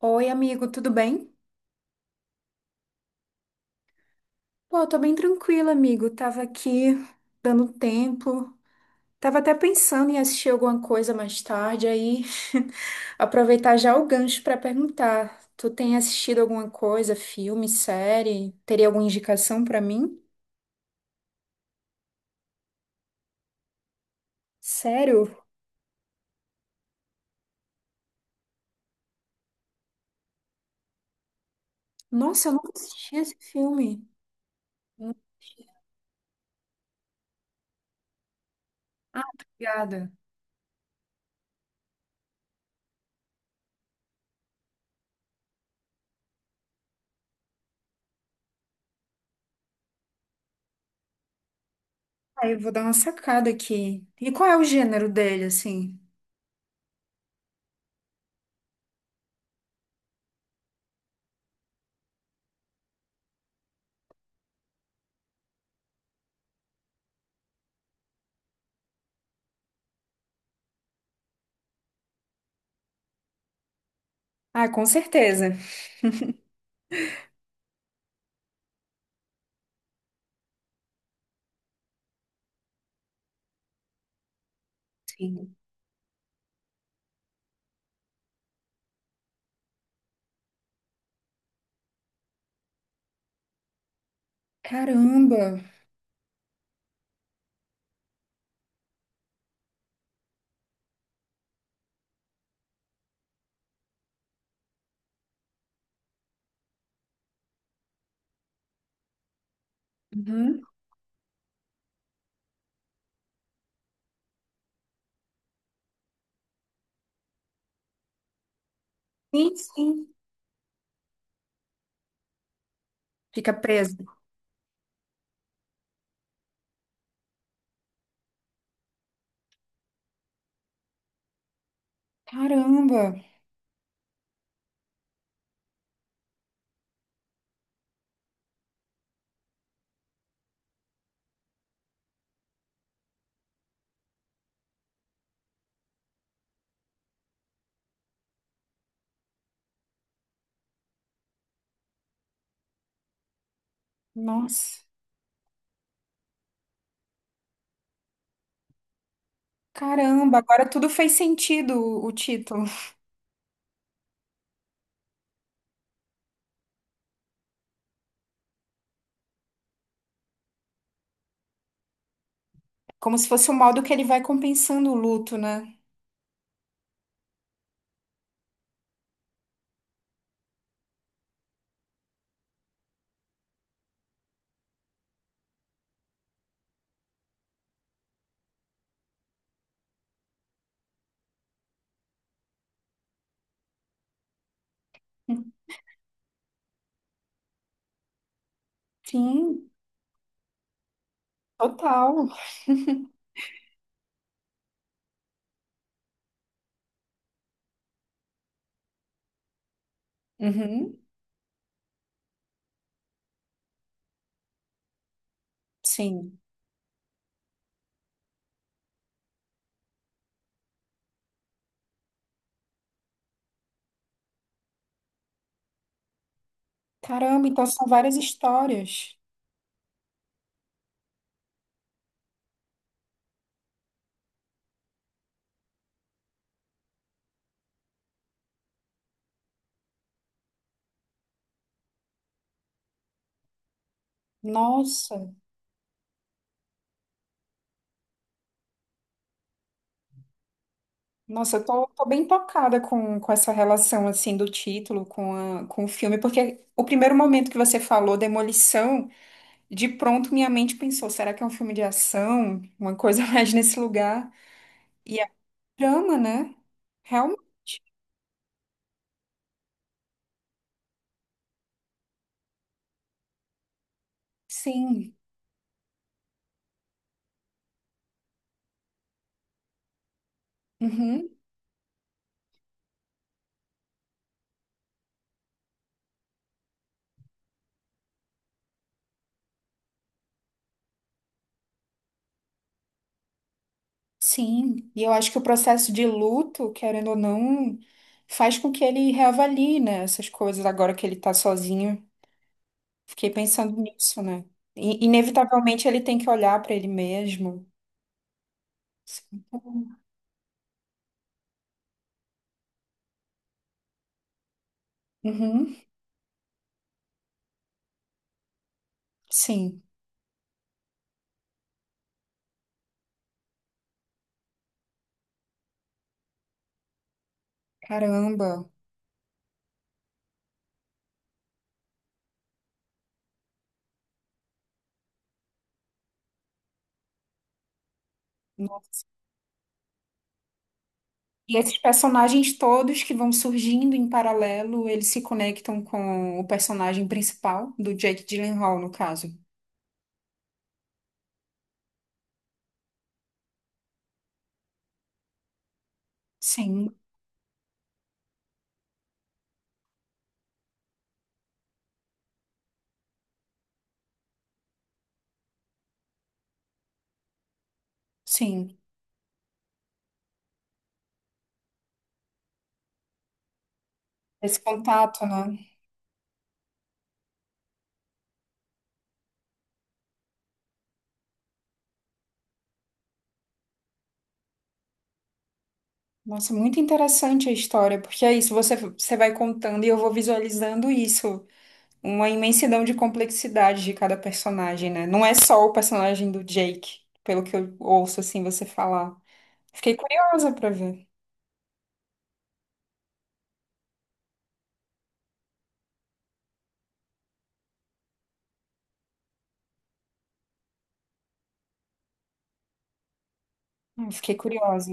Oi, amigo, tudo bem? Pô, eu tô bem tranquila, amigo. Tava aqui dando tempo. Tava até pensando em assistir alguma coisa mais tarde, aí aproveitar já o gancho pra perguntar. Tu tem assistido alguma coisa, filme, série? Teria alguma indicação pra mim? Sério? Nossa, eu nunca assisti esse filme. Não assisti. Ah, obrigada. Aí eu vou dar uma sacada aqui. E qual é o gênero dele, assim? Ah, com certeza. Sim. Caramba. Uhum. Sim, sim. Fica preso. Caramba. Nossa. Caramba, agora tudo fez sentido o título. Como se fosse o modo que ele vai compensando o luto, né? Sim, total. Uhum, sim. Caramba, então são várias histórias. Nossa, nossa, eu tô, tô bem tocada com essa relação, assim, do título com, com o filme, porque o primeiro momento que você falou, Demolição, de pronto, minha mente pensou: será que é um filme de ação? Uma coisa mais nesse lugar? E é um drama, né? Realmente. Sim. Uhum. Sim. E eu acho que o processo de luto, querendo ou não, faz com que ele reavalie, né, essas coisas agora que ele tá sozinho. Fiquei pensando nisso, né? E inevitavelmente ele tem que olhar pra ele mesmo. Sim, então, uhum, sim. Caramba. Nossa. E esses personagens todos que vão surgindo em paralelo, eles se conectam com o personagem principal, do Jake Gyllenhaal, no caso. Sim, sim. Esse contato, né? Nossa, muito interessante a história, porque é isso, você, você vai contando e eu vou visualizando isso. Uma imensidão de complexidade de cada personagem, né? Não é só o personagem do Jake, pelo que eu ouço, assim, você falar. Fiquei curiosa pra ver. Eu fiquei curiosa.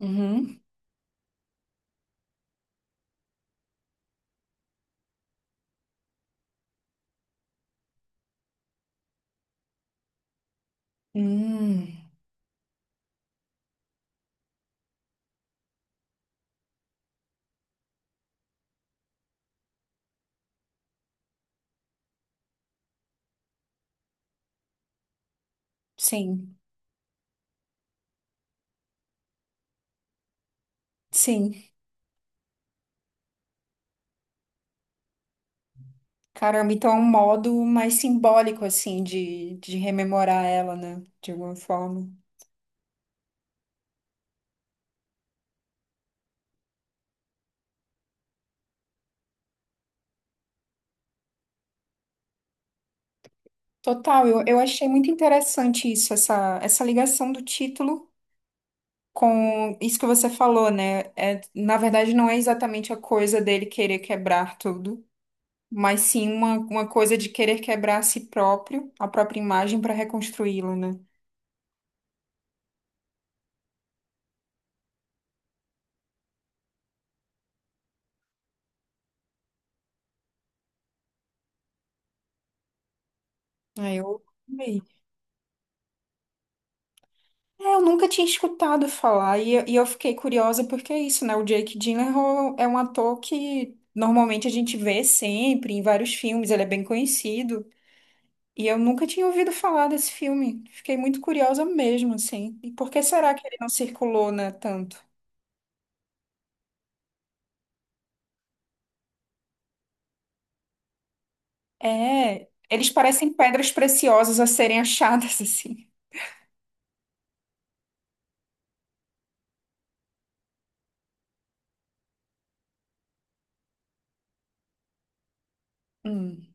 Uhum. Hum, sim. Sim. Caramba, então é um modo mais simbólico, assim, de rememorar ela, né? De alguma forma. Total, eu achei muito interessante isso, essa ligação do título com isso que você falou, né? É, na verdade, não é exatamente a coisa dele querer quebrar tudo, mas sim uma coisa de querer quebrar a si próprio, a própria imagem, para reconstruí-la, né? Aí eu amei. É, eu nunca tinha escutado falar, e eu fiquei curiosa porque é isso, né? O Jake Gyllenhaal é um ator que normalmente a gente vê sempre em vários filmes, ele é bem conhecido. E eu nunca tinha ouvido falar desse filme. Fiquei muito curiosa mesmo, assim. E por que será que ele não circulou, né, tanto? É, eles parecem pedras preciosas a serem achadas, assim. Hum,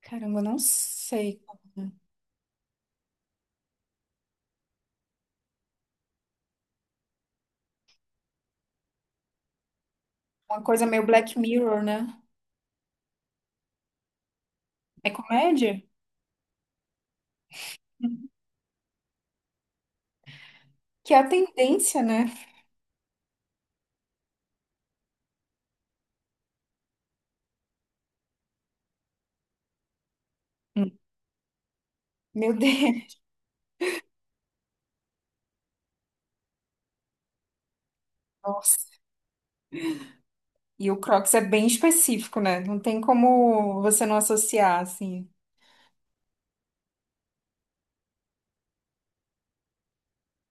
caramba, eu não sei. Uma coisa meio Black Mirror, né? É comédia? Que é a tendência, né? Meu Deus, nossa. E o Crocs é bem específico, né? Não tem como você não associar, assim.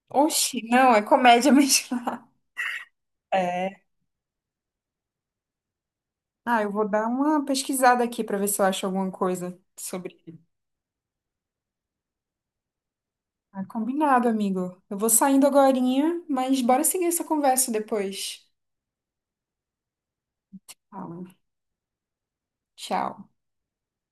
Oxi, não, é comédia mesmo. É. Ah, eu vou dar uma pesquisada aqui pra ver se eu acho alguma coisa sobre ele. Ah, combinado, amigo. Eu vou saindo agorinha, mas bora seguir essa conversa depois. Fala. Tchau.